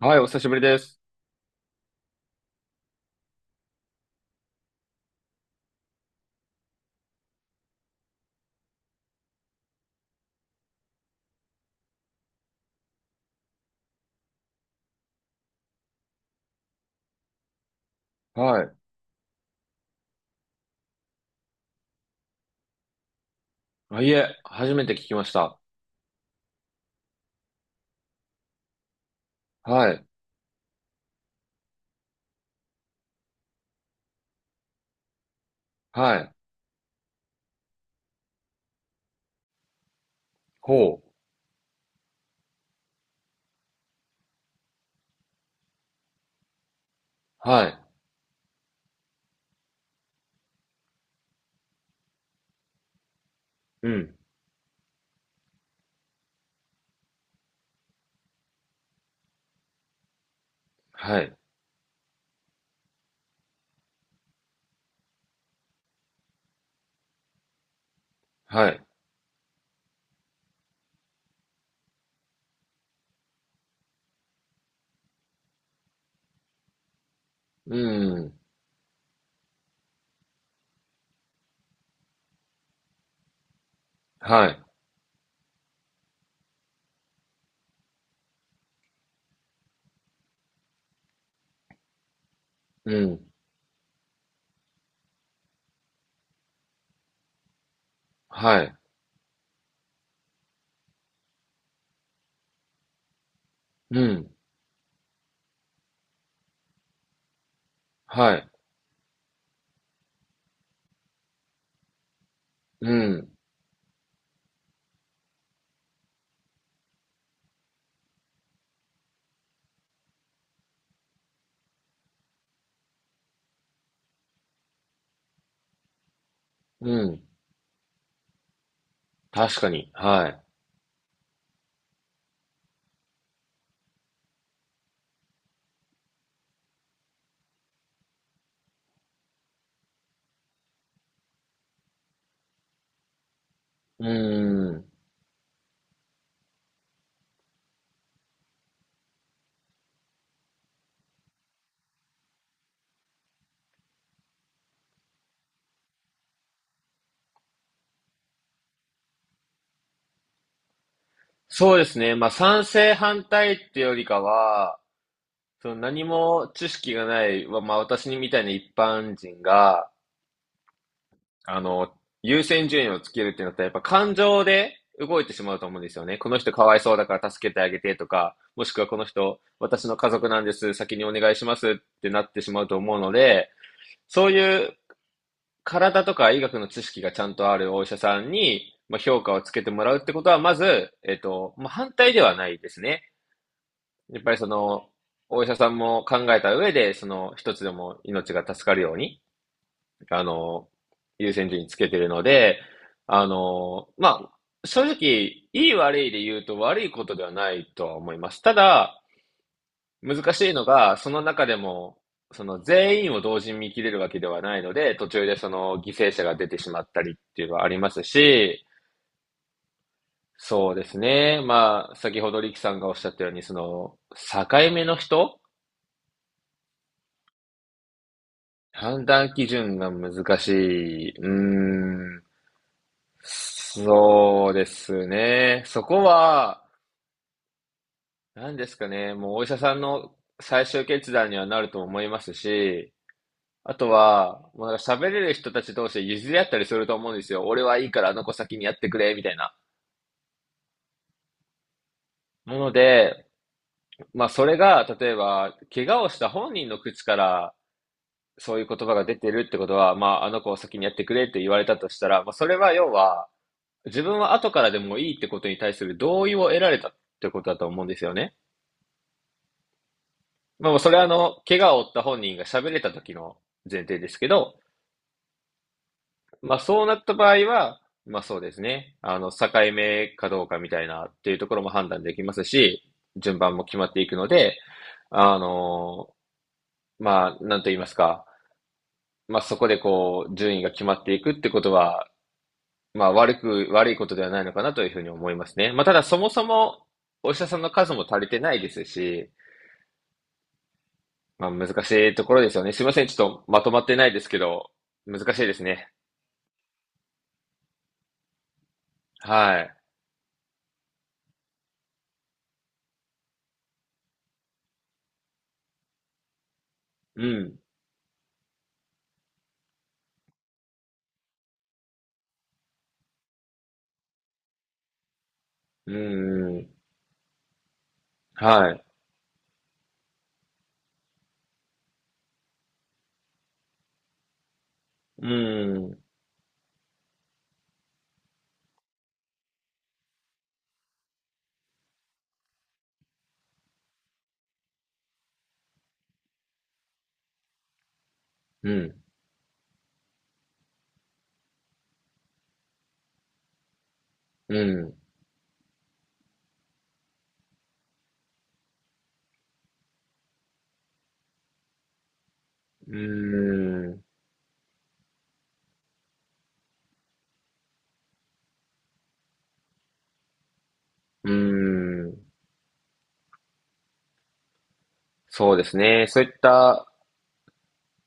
はい、お久しぶりです。はい。あ、いえ、初めて聞きました。はい。はい。ほう。はい。うん。はい。はい。うん。はい。うん。はい。うん。はい。うん。うん。確かに。はい。うん。そうですね。まあ、賛成反対ってよりかは、その何も知識がない、まあ、私にみたいな一般人が、あの、優先順位をつけるってなったら、やっぱ感情で動いてしまうと思うんですよね。この人かわいそうだから助けてあげてとか、もしくはこの人、私の家族なんです、先にお願いしますってなってしまうと思うので、そういう体とか医学の知識がちゃんとあるお医者さんに、まあ、評価をつけてもらうってことは、まず、まあ、反対ではないですね。やっぱりその、お医者さんも考えた上で、その一つでも命が助かるように、あの、優先順位つけてるので、まあ、正直、いい悪いで言うと悪いことではないとは思います。ただ、難しいのが、その中でも、その全員を同時に見切れるわけではないので、途中でその犠牲者が出てしまったりっていうのはありますし、そうですね。まあ、先ほどリキさんがおっしゃったように、その、境目の人判断基準が難しい。うーん。そうですね。そこは、何ですかね。もうお医者さんの最終決断にはなると思いますし、あとは、もうなんか喋れる人たち同士で譲り合ったりすると思うんですよ。俺はいいからあの子先にやってくれ、みたいな。なので、まあそれが、例えば、怪我をした本人の口からそういう言葉が出てるってことは、まああの子を先にやってくれって言われたとしたら、まあそれは要は、自分は後からでもいいってことに対する同意を得られたってことだと思うんですよね。まあそれはあの、怪我を負った本人が喋れた時の前提ですけど、まあそうなった場合は、まあそうですね。境目かどうかみたいなっていうところも判断できますし、順番も決まっていくので、あの、なんと言いますか、まあそこでこう、順位が決まっていくってことは、悪いことではないのかなというふうに思いますね。まあただそもそも、お医者さんの数も足りてないですし、まあ難しいところですよね。すいません。ちょっとまとまってないですけど、難しいですね。はい。うん。うん、うん。はい。うん。うん。うん。うん。うん。そうですね。そういった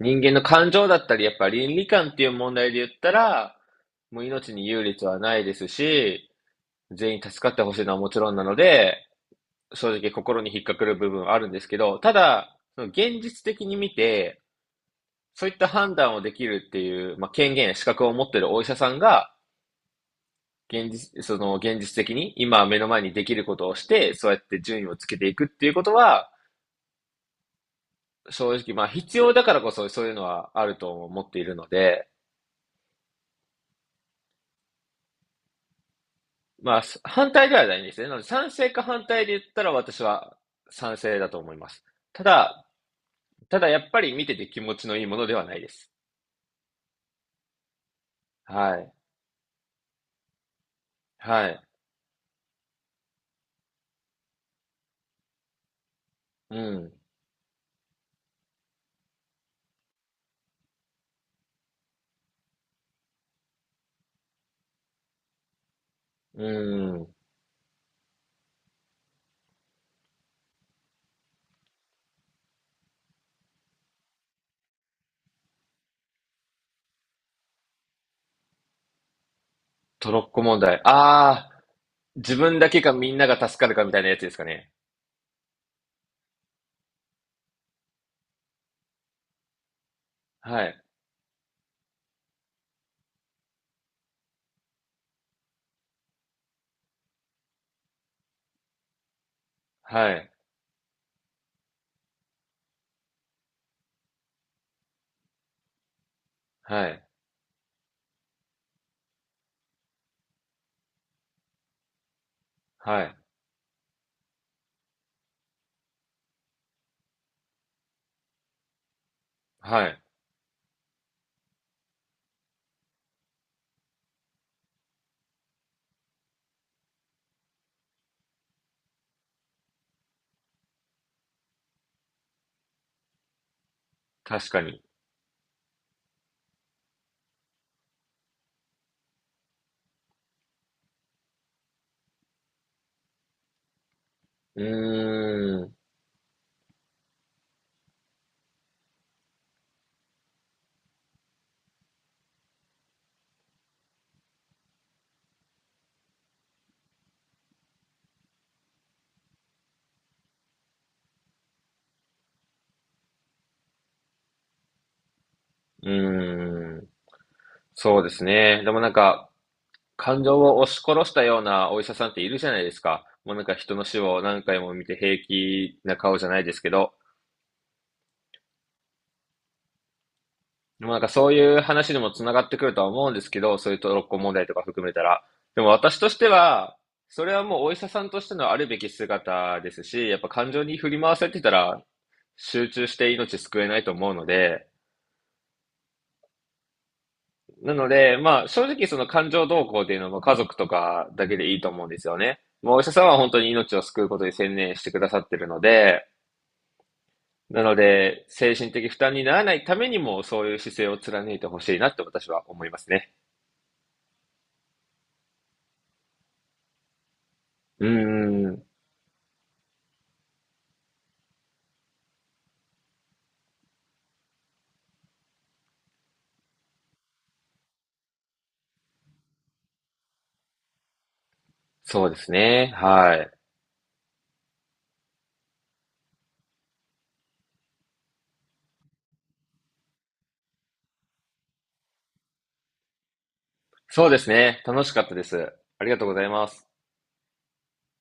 人間の感情だったり、やっぱ倫理観っていう問題で言ったら、もう命に優劣はないですし、全員助かってほしいのはもちろんなので、正直心に引っかかる部分はあるんですけど、ただ、その現実的に見て、そういった判断をできるっていう、まあ、権限や資格を持っているお医者さんが、現実、その現実的に今目の前にできることをして、そうやって順位をつけていくっていうことは、正直、まあ必要だからこそそういうのはあると思っているので、まあ反対ではないんですね。なので賛成か反対で言ったら私は賛成だと思います。ただ、ただやっぱり見てて気持ちのいいものではないです。はい。はい。うん。うん。トロッコ問題。ああ、自分だけかみんなが助かるかみたいなやつですかね。はい。はい。はい。はい。はい。確かに。うーん。うーん。そうですね。でもなんか、感情を押し殺したようなお医者さんっているじゃないですか。もうなんか人の死を何回も見て平気な顔じゃないですけど。でもなんかそういう話にもつながってくるとは思うんですけど、そういうトロッコ問題とか含めたら。でも私としては、それはもうお医者さんとしてのあるべき姿ですし、やっぱ感情に振り回されてたら集中して命救えないと思うので、なので、まあ、正直その感情動向っていうのも家族とかだけでいいと思うんですよね。もうお医者さんは本当に命を救うことに専念してくださってるので、なので、精神的負担にならないためにも、そういう姿勢を貫いてほしいなって私は思いますね。うーん、そうですね。はい。そうですね。楽しかったです。ありがとうございます。